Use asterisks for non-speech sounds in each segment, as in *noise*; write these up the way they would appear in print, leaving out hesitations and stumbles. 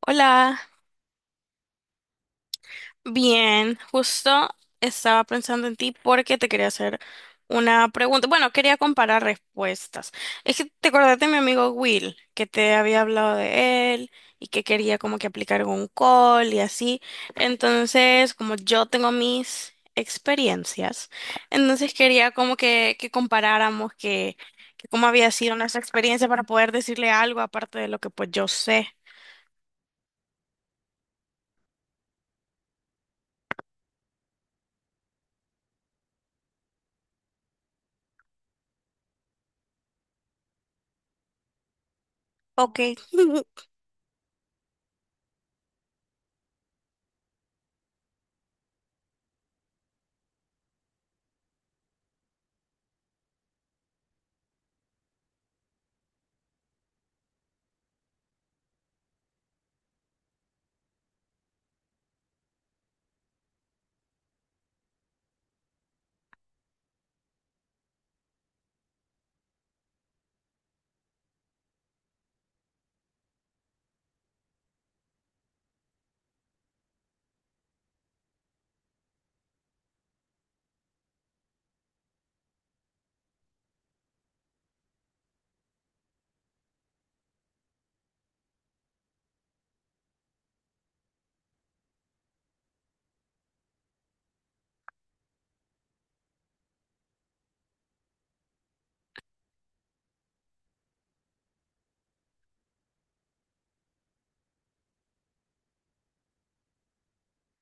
Hola, bien, justo estaba pensando en ti porque te quería hacer una pregunta. Bueno, quería comparar respuestas. Es que te acordaste de mi amigo Will, que te había hablado de él y que quería como que aplicar un call y así. Entonces, como yo tengo mis experiencias, entonces quería como que comparáramos que cómo había sido nuestra experiencia para poder decirle algo aparte de lo que pues yo sé. Ok. *laughs*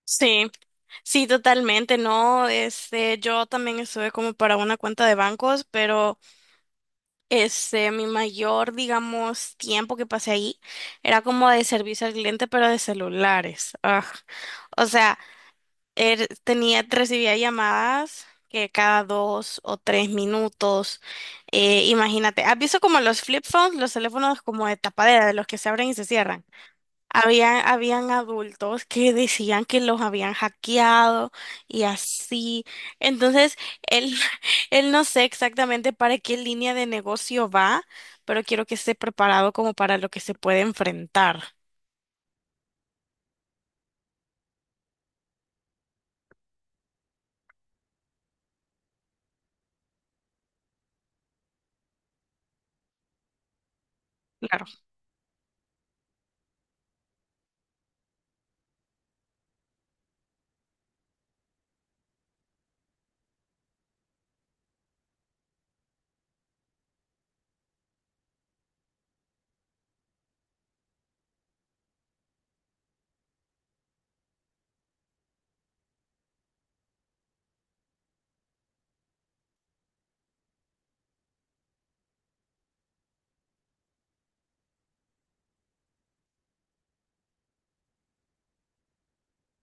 Sí, sí, totalmente, ¿no? Este, yo también estuve como para una cuenta de bancos, pero este, mi mayor, digamos, tiempo que pasé ahí era como de servicio al cliente, pero de celulares. Ugh. O sea, tenía, recibía llamadas que cada dos o tres minutos. Imagínate, ¿has visto como los flip phones, los teléfonos como de tapadera, de los que se abren y se cierran? Habían adultos que decían que los habían hackeado y así. Entonces, él, *laughs* él no sé exactamente para qué línea de negocio va, pero quiero que esté preparado como para lo que se puede enfrentar. Claro.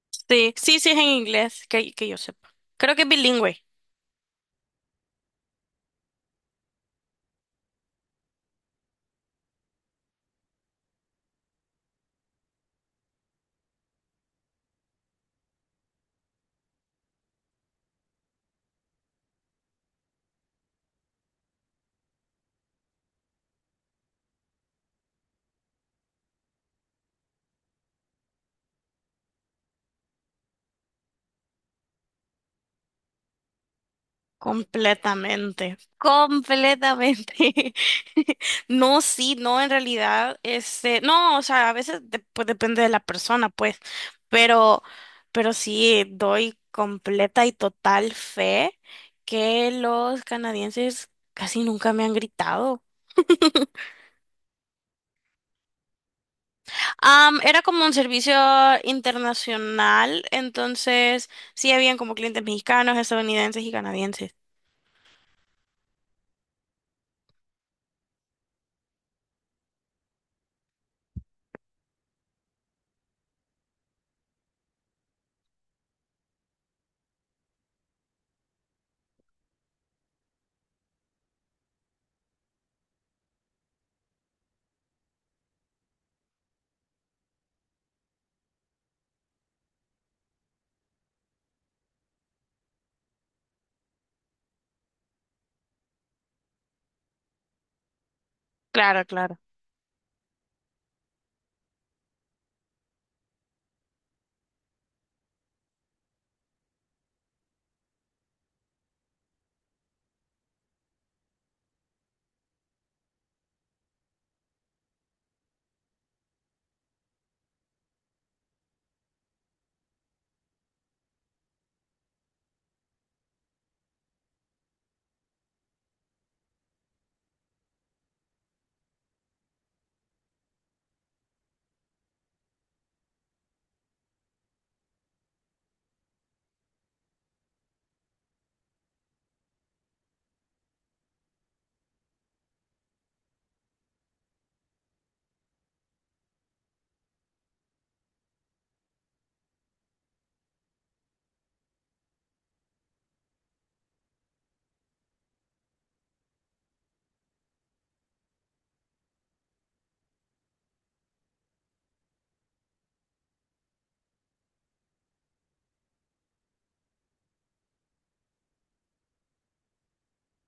Sí, sí, sí es en inglés, que yo sepa. Creo que es bilingüe. Completamente, completamente. *laughs* No, sí, no, en realidad, este, no, o sea, a veces pues, depende de la persona, pues, pero, pero sí, doy completa y total fe que los canadienses casi nunca me han gritado. Era como un servicio internacional, entonces sí habían como clientes mexicanos, estadounidenses y canadienses. Claro, claro.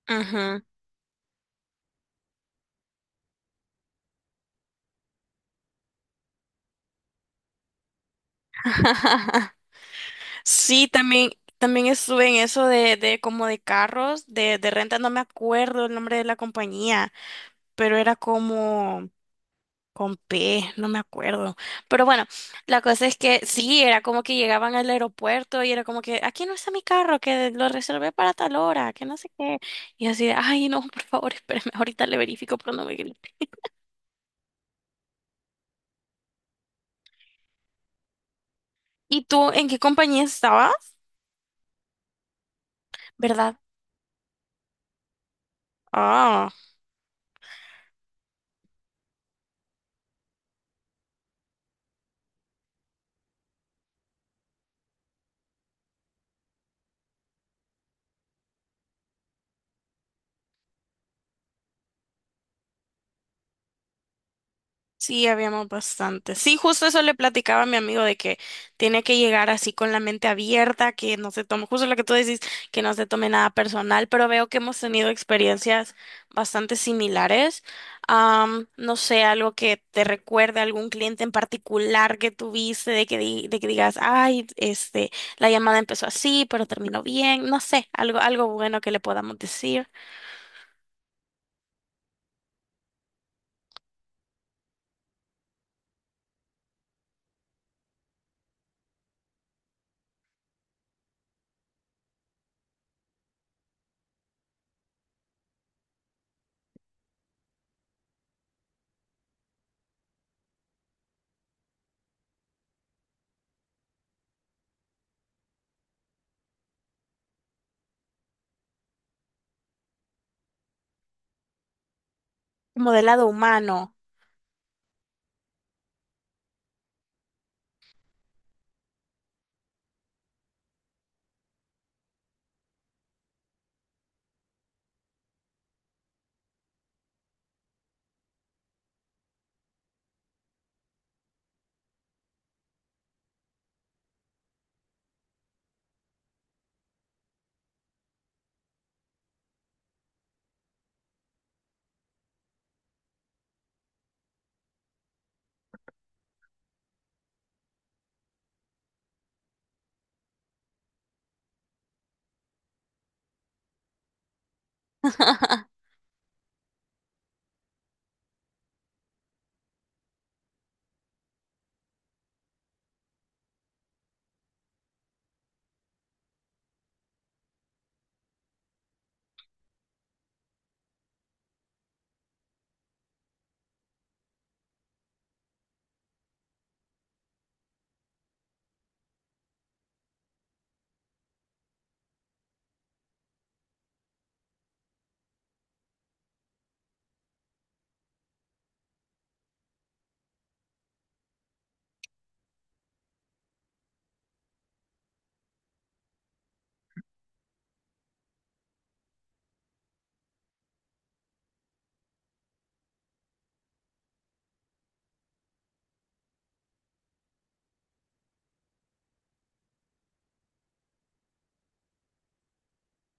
Ujú. *laughs* Sí, también, también estuve en eso de como de carros, de renta, no me acuerdo el nombre de la compañía, pero era como con P, no me acuerdo. Pero bueno, la cosa es que sí, era como que llegaban al aeropuerto y era como que, aquí no está mi carro, que lo reservé para tal hora, que no sé qué. Y así de, ay, no, por favor, *laughs* espérame, ahorita le verifico, pero no me grites". ¿Y tú en qué compañía estabas? ¿Verdad? Ah. Sí, habíamos bastante. Sí, justo eso le platicaba a mi amigo de que tiene que llegar así con la mente abierta, que no se tome, justo lo que tú decís, que no se tome nada personal, pero veo que hemos tenido experiencias bastante similares. No sé, algo que te recuerde a algún cliente en particular que tuviste, de que de que digas, ay, este, la llamada empezó así, pero terminó bien, no sé, algo, algo bueno que le podamos decir. Modelado humano. *laughs*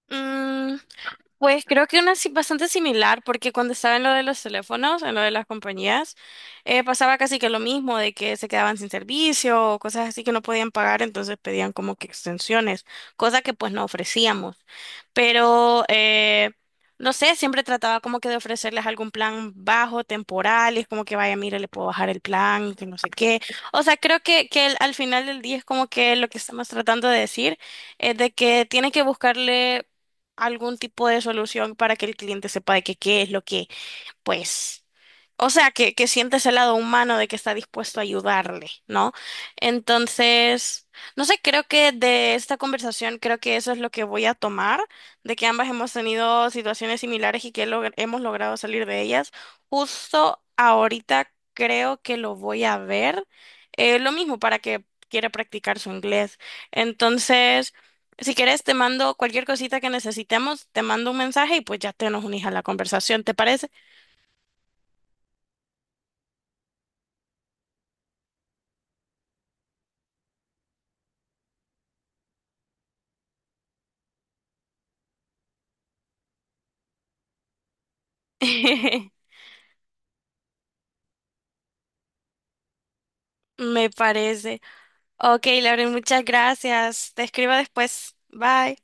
Mm, pues creo que una bastante similar, porque cuando estaba en lo de los teléfonos, en lo de las compañías, pasaba casi que lo mismo, de que se quedaban sin servicio o cosas así que no podían pagar, entonces pedían como que extensiones, cosa que pues no ofrecíamos. Pero, no sé, siempre trataba como que de ofrecerles algún plan bajo, temporal, y es como que vaya, mire, le puedo bajar el plan, que no sé qué. O sea, creo que al final del día es como que lo que estamos tratando de decir es de que tiene que buscarle algún tipo de solución para que el cliente sepa de que qué es lo que pues, o sea, que sientes el lado humano de que está dispuesto a ayudarle, ¿no? Entonces, no sé, creo que de esta conversación, creo que eso es lo que voy a tomar, de que ambas hemos tenido situaciones similares y que hemos logrado salir de ellas. Justo ahorita creo que lo voy a ver. Lo mismo para que quiera practicar su inglés. Entonces, si quieres, te mando cualquier cosita que necesitemos, te mando un mensaje y pues ya te nos unís a la conversación, ¿te parece? *laughs* Me parece. Ok, Lauren, muchas gracias. Te escribo después. Bye.